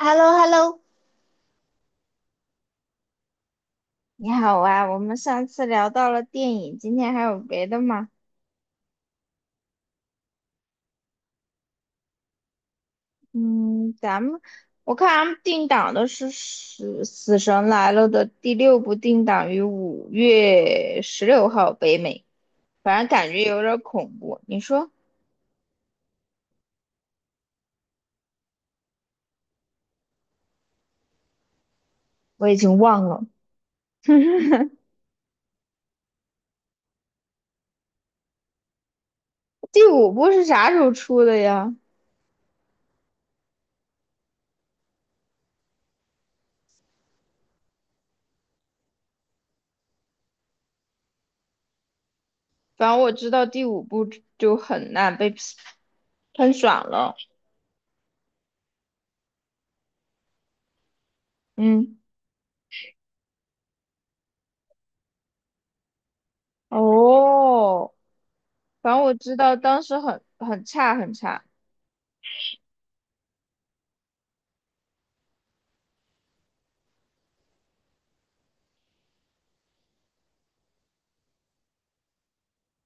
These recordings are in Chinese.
h e l l o h e l l o 你好啊，我们上次聊到了电影，今天还有别的吗？嗯，我看咱们定档的是《死神来了》的第六部，定档于5月16号北美，反正感觉有点恐怖。你说我已经忘了 第五部是啥时候出的呀？反正我知道第五部就很烂，被 喷爽了。嗯，哦，反正我知道当时很差很差，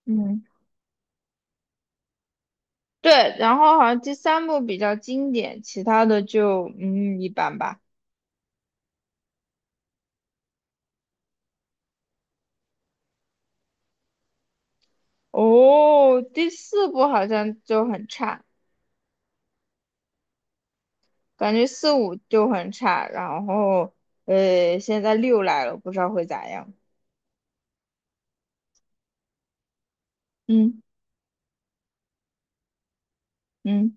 嗯，对，然后好像第三部比较经典，其他的就一般吧。哦，第四部好像就很差，感觉四五就很差，然后现在六来了，不知道会咋样。嗯嗯，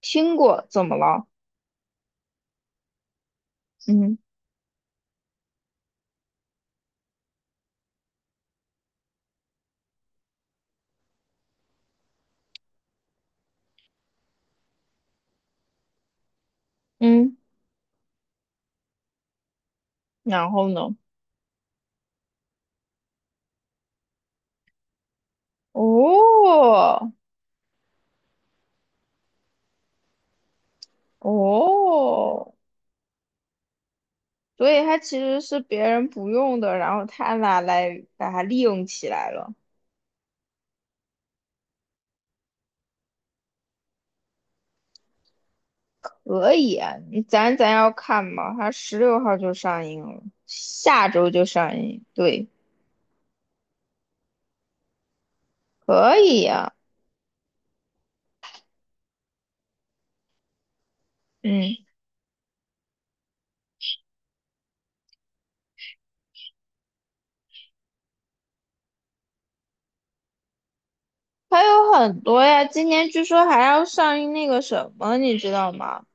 听过，怎么了？嗯嗯，然后呢？哦哦。所以它其实是别人不用的，然后他拿来把它利用起来了。可以啊，你咱要看嘛，它十六号就上映了，下周就上映。对，可以呀、嗯，还有很多呀，今年据说还要上映那个什么，你知道吗？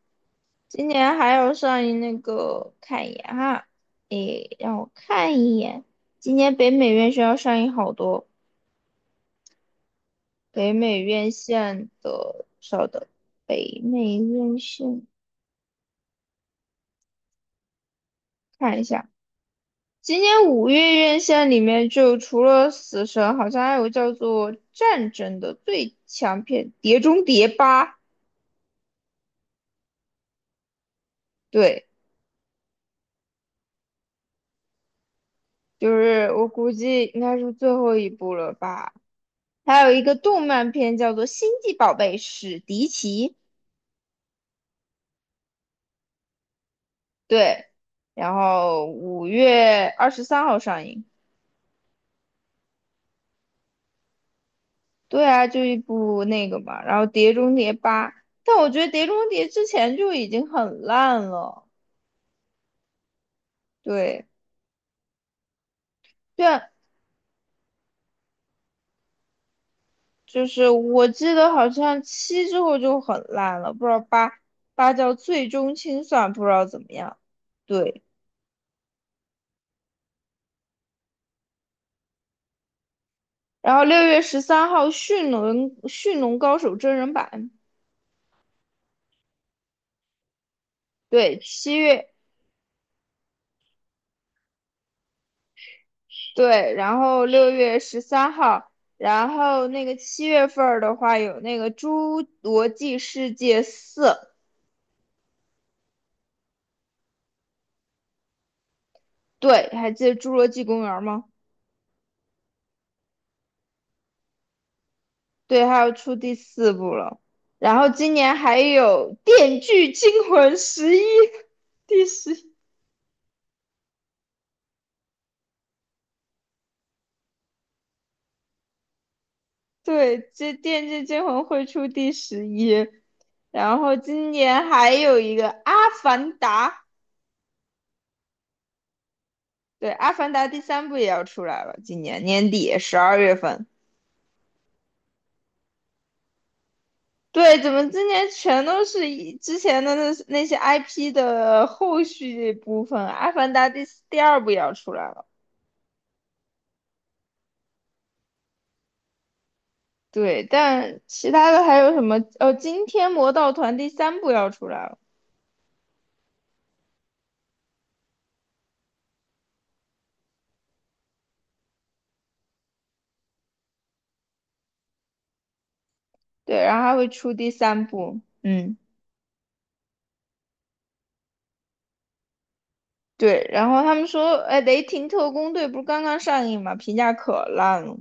今年还要上映那个，看一眼哈，诶，让我看一眼，今年北美院线要上映好多。北美院线的，稍等，北美院线看一下，今年五月院线里面就除了《死神》，好像还有叫做《战争》的最强片《碟中谍八》，对，就是我估计应该是最后一部了吧。还有一个动漫片叫做《星际宝贝史迪奇》，对，然后5月23号上映。对啊，就一部那个嘛，然后《碟中谍八》，但我觉得《碟中谍》之前就已经很烂了。对，对啊就是我记得好像七之后就很烂了，不知道八八叫最终清算，不知道怎么样。对，然后六月十三号《驯龙高手》真人版，对，七月对，然后六月十三号。然后那个七月份儿的话，有那个《侏罗纪世界四》，对，还记得《侏罗纪公园》吗？对，它要出第四部了。然后今年还有《电锯惊魂十一》第十一，对，这《电锯惊魂》会出第十一。然后今年还有一个《阿凡达》，对，《阿凡达》第三部也要出来了，今年年底12月份。对，怎么今年全都是以之前的那些 IP 的后续部分？《阿凡达》第四第二部也要出来了。对，但其他的还有什么？哦，今天《魔盗团》第三部要出来了，对，然后还会出第三部，嗯，对，然后他们说，哎，《雷霆特工队》不是刚刚上映嘛，评价可烂了，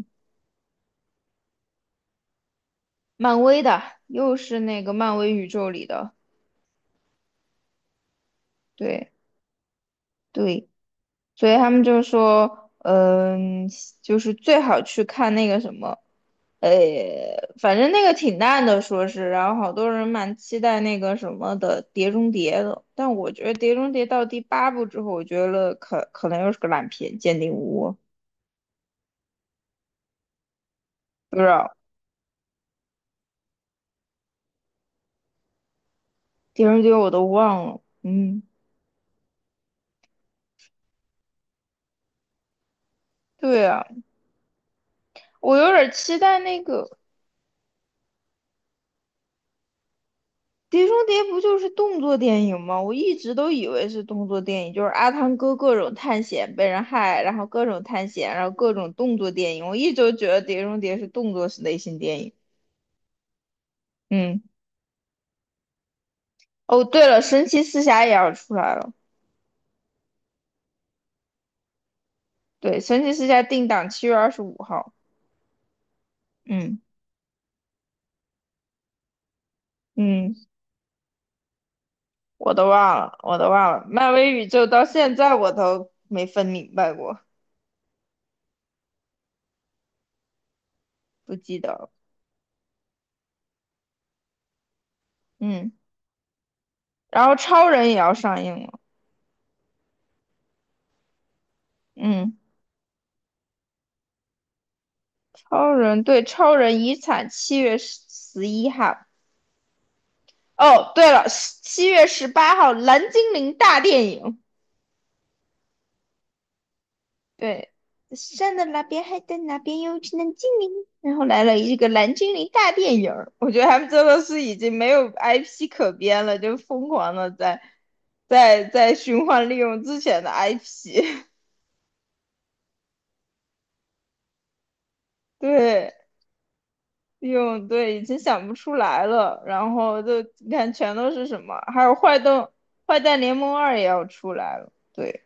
漫威的，又是那个漫威宇宙里的，对对，所以他们就说，嗯，就是最好去看那个什么，呃，反正那个挺烂的，说是，然后好多人蛮期待那个什么的《碟中谍》的，但我觉得《碟中谍》到第八部之后，我觉得可能又是个烂片，《鉴定无误不知道《碟中谍》我都忘了，嗯，对啊，我有点期待那个。《碟中谍》不就是动作电影吗？我一直都以为是动作电影，就是阿汤哥各种探险被人害，然后各种探险，然后各种动作电影。我一直都觉得《碟中谍》是动作类型电影。嗯，哦，对了，《神奇四侠》也要出来了。对，《神奇四侠》定档7月25号。嗯嗯，我都忘了，我都忘了。漫威宇宙到现在我都没分明白过，不记得了。嗯，然后超人也要上映了。嗯。超人对超人遗产7月11号。哦，对了，7月18号蓝精灵大电影。对，山的那边海的那边有一只蓝精灵，然后来了一个蓝精灵大电影儿我觉得他们真的是已经没有 IP 可编了，就疯狂的在循环利用之前的 IP。对。哟，对，已经想不出来了。然后就你看，全都是什么？还有坏蛋，坏蛋联盟二也要出来了。对，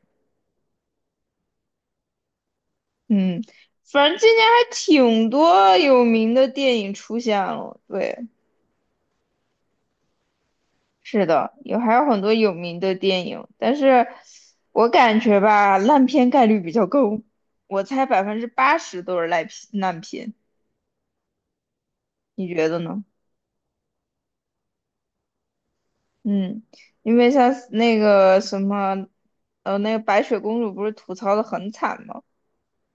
嗯，反正今年还挺多有名的电影出现了。对，是的，有还有很多有名的电影，但是我感觉吧，烂片概率比较高，我猜80%都是烂片，烂片，你觉得呢？嗯，因为像那个什么，那个白雪公主不是吐槽的很惨吗？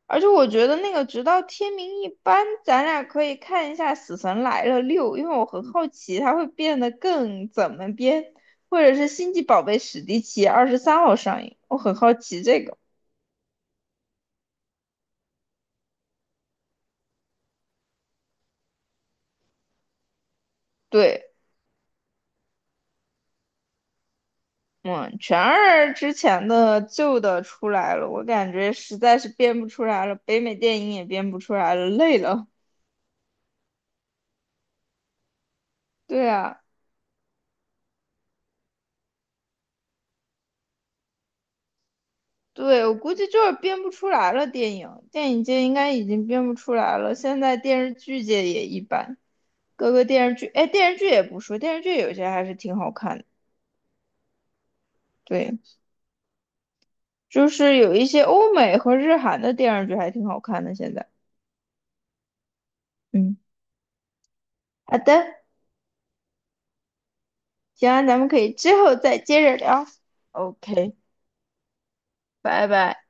而且我觉得那个直到天明一般，咱俩可以看一下《死神来了六》，因为我很好奇它会变得更怎么编，或者是《星际宝贝史迪奇》二十三号上映，我很好奇这个。对，嗯，全二之前的旧的出来了，我感觉实在是编不出来了，北美电影也编不出来了，累了。对啊。对，我估计就是编不出来了。电影电影界应该已经编不出来了，现在电视剧界也一般。各个电视剧，哎，电视剧也不说，电视剧有些还是挺好看的。对，就是有一些欧美和日韩的电视剧还挺好看的。现在，嗯，好的，行啊咱们可以之后再接着聊。OK，拜拜。